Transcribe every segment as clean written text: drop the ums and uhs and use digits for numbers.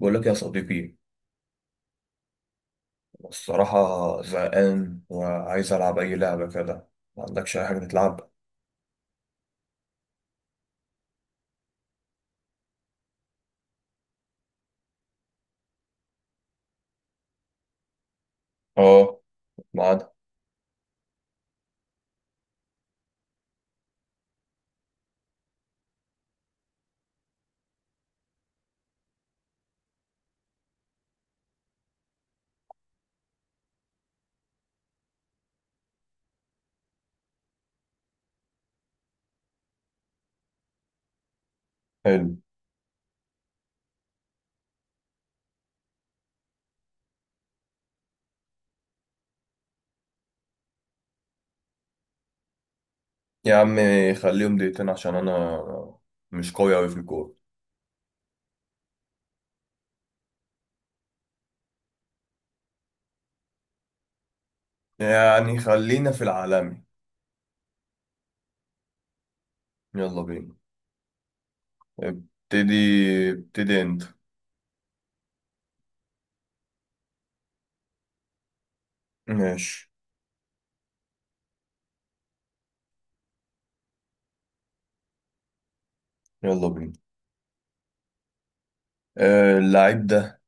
بقول لك يا صديقي، الصراحة زهقان وعايز ألعب أي لعبة كده. ما عندكش أي حاجة تتلعب؟ آه، معانا. حلو. يا عم، خليهم دقيقتين عشان أنا مش قوي أوي في الكورة. يعني خلينا في العالمي. يلا بينا. ابتدي ابتدي أنت. ماشي، يلا بينا. اللعيب ده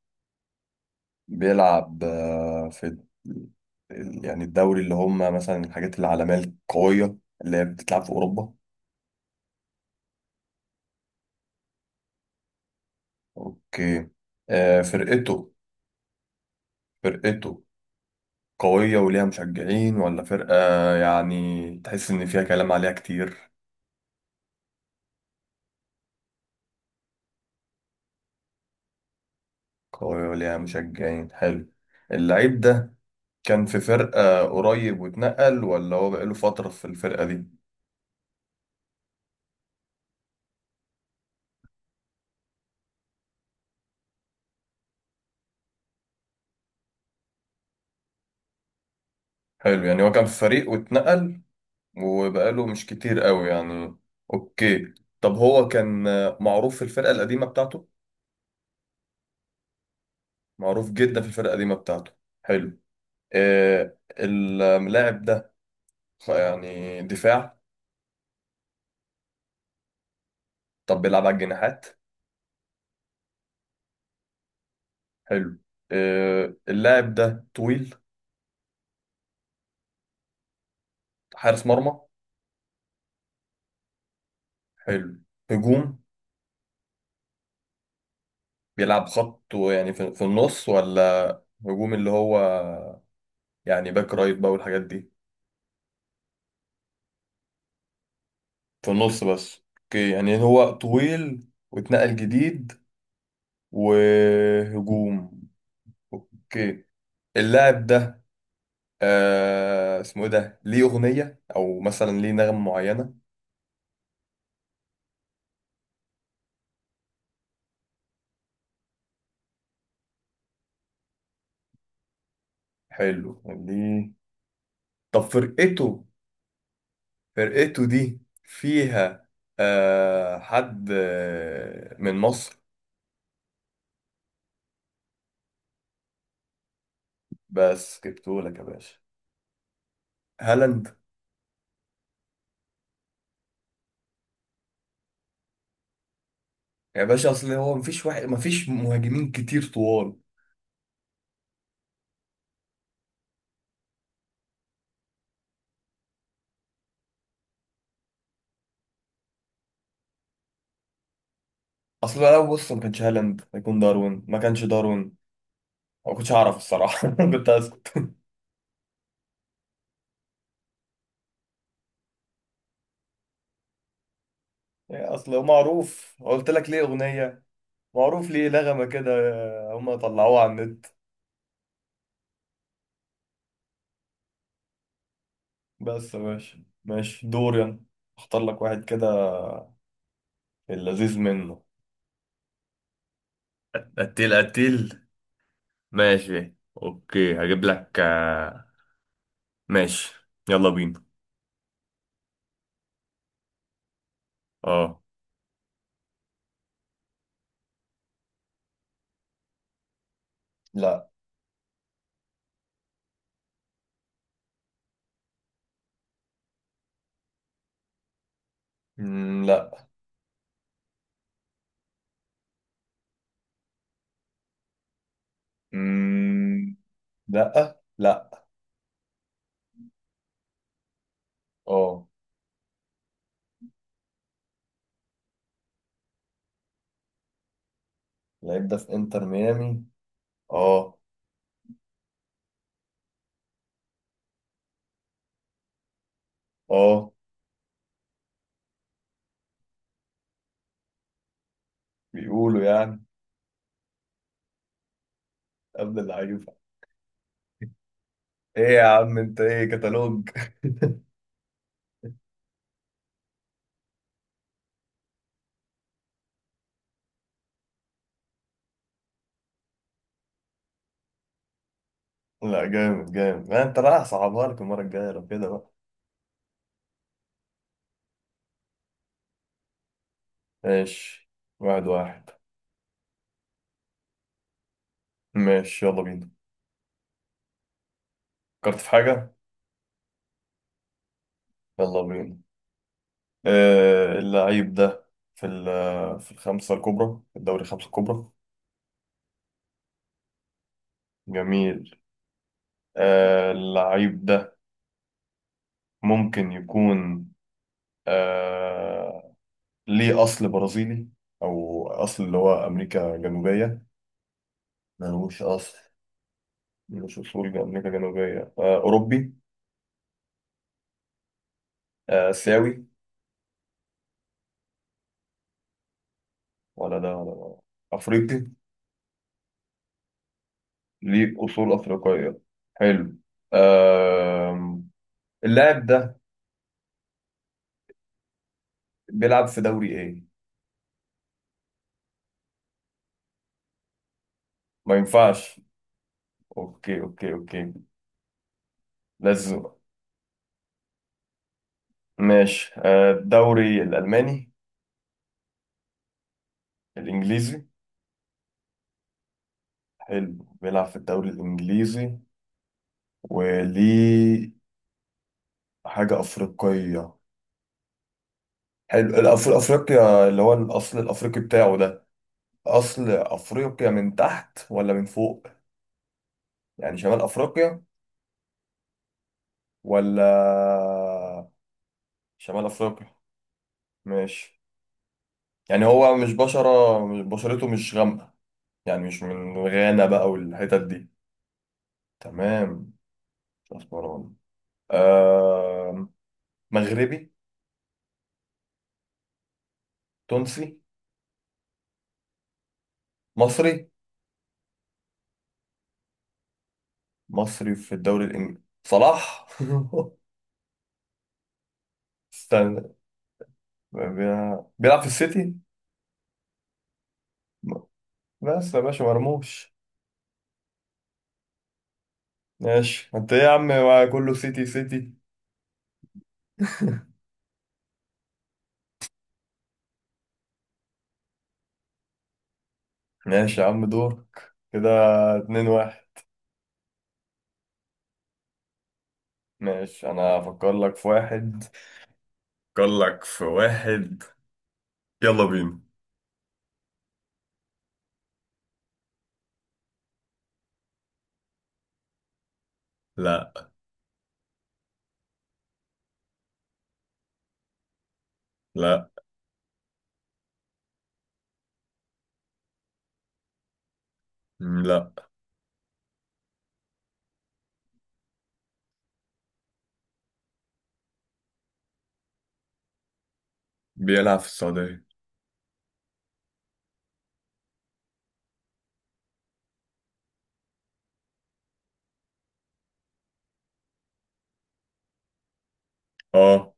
بيلعب في ال- يعني الدوري اللي هم مثلا الحاجات العالمية القوية اللي هي بتتلعب في أوروبا. اوكي. فرقته، فرقته قوية وليها مشجعين، ولا فرقة يعني تحس إن فيها كلام عليها كتير؟ قوية وليها مشجعين. حلو. اللعيب ده كان في فرقة قريب واتنقل، ولا هو بقاله فترة في الفرقة دي؟ حلو. يعني هو كان في فريق واتنقل، وبقاله مش كتير قوي يعني. اوكي. طب هو كان معروف في الفرقة القديمة بتاعته؟ معروف جدا في الفرقة القديمة بتاعته. حلو. اللاعب ده يعني دفاع؟ طب بيلعب على الجناحات؟ حلو. اللاعب ده طويل؟ حارس مرمى؟ حلو. هجوم؟ بيلعب خط يعني في النص، ولا هجوم اللي هو يعني باك رايت بقى والحاجات دي؟ في النص بس. اوكي. يعني هو طويل واتنقل جديد، وهجوم. اوكي. اللاعب ده اسمه ايه؟ ده ليه اغنية او مثلا ليه نغمة معينة؟ حلو ليه. طب فرقته، فرقته دي فيها حد من مصر؟ بس جبتهولك يا باشا. هالاند. يا باشا، اصل هو مفيش واحد، مفيش مهاجمين كتير طوال. اصل لو بص، ما كانش هالاند هيكون داروين. ما كانش داروين ما كنتش اعرف الصراحه. كنت اسكت. يعني اصل هو معروف، قلت لك ليه اغنيه. معروف ليه نغمه كده. هم طلعوها على النت. بس يا باشا، ماشي، دوري أنا. اختار لك واحد كده، اللذيذ منه. قتيل قتيل. ماشي. اوكي، هجيب لك ماشي، يلا بينا. اه. لا. مم، لا. مم، لا لا. اه. اللعيب ده في انتر ميامي. اه. اه. بيقولوا يعني قبل اللعيبة. ايه يا عم، انت ايه، كتالوج! لا، جامد جامد. ما انت رايح صعبها لك المرة الجاية لو كده بقى. ماشي. واحد واحد. ماشي يلا بينا. فكرت في حاجة. يلا بينا. اللعيب ده في الخمسة الكبرى، في الدوري الخمسة الكبرى. جميل. اللعيب ده ممكن يكون آه، ليه أصل برازيلي، أو أصل اللي هو أمريكا الجنوبية؟ ملوش أصل. ملوش أصول أمريكا الجنوبية. أوروبي؟ آسيوي؟ ولا ده ولا ده. أفريقي؟ ليه أصول أفريقية. حلو. آم، اللاعب ده بيلعب في دوري إيه؟ ما ينفعش. اوكي اوكي اوكي. لازم. ماشي. الدوري الالماني؟ الانجليزي؟ حلو، بيلعب في الدوري الانجليزي. وليه حاجه افريقيه. حلو. افريقيا اللي هو الاصل الافريقي بتاعه ده، اصل افريقيا من تحت ولا من فوق؟ يعني شمال افريقيا ولا؟ شمال افريقيا. ماشي. يعني هو مش بشره مش- بشرته مش غامقه. يعني مش من غانا بقى والحتت دي. تمام. مش أسمراني. آه مغربي؟ تونسي؟ مصري؟ مصري في الدوري الإنجليزي. صلاح؟ استنى. بيلعب في السيتي. بس يا باشا، مرموش. ماشي. انت ايه يا عم، ما كله سيتي سيتي. ماشي يا عم، دورك كده. 2-1. ماشي، انا افكر لك في واحد، افكر لك في واحد. يلا بينا. لا. لا. لا. بيلعب في السعودية. اه.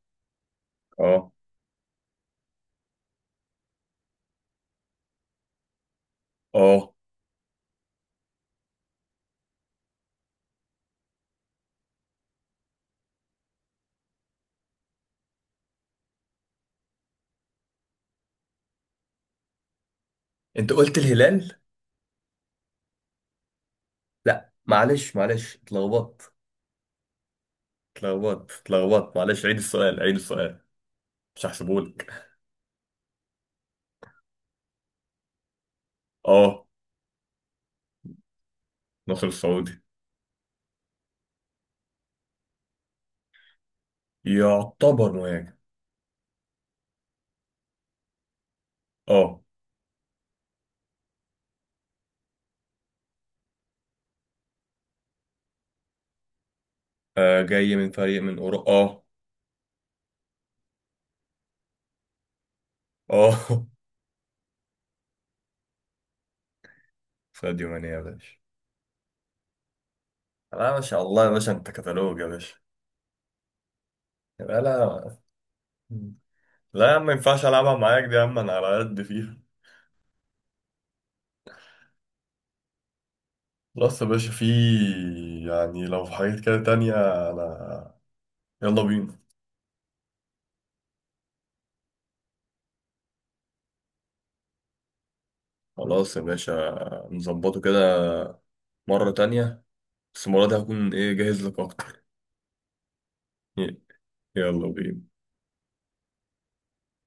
اه. اه. انت قلت الهلال. لا، معلش معلش اتلخبطت. اتلخبطت اتلخبطت. معلش، عيد السؤال عيد السؤال. مش هحسبهولك. اه. ناصر السعودي. يعتبر مهاجم. اه. جاي من فريق من اوروبا، اه. اه. ساديو ماني يا باشا. لا، ما شاء الله يا باشا، انت كتالوج يا باشا. يبقى لا. لا يا عم، ما ينفعش العبها معاك دي يا عم، انا على قد فيها. خلاص يا باشا، في، يعني لو في حاجات كده تانية، انا، يلا بينا. خلاص يا باشا، نظبطه كده مرة تانية. بس المرة دي هكون إيه جاهز لك أكتر. يلا بينا.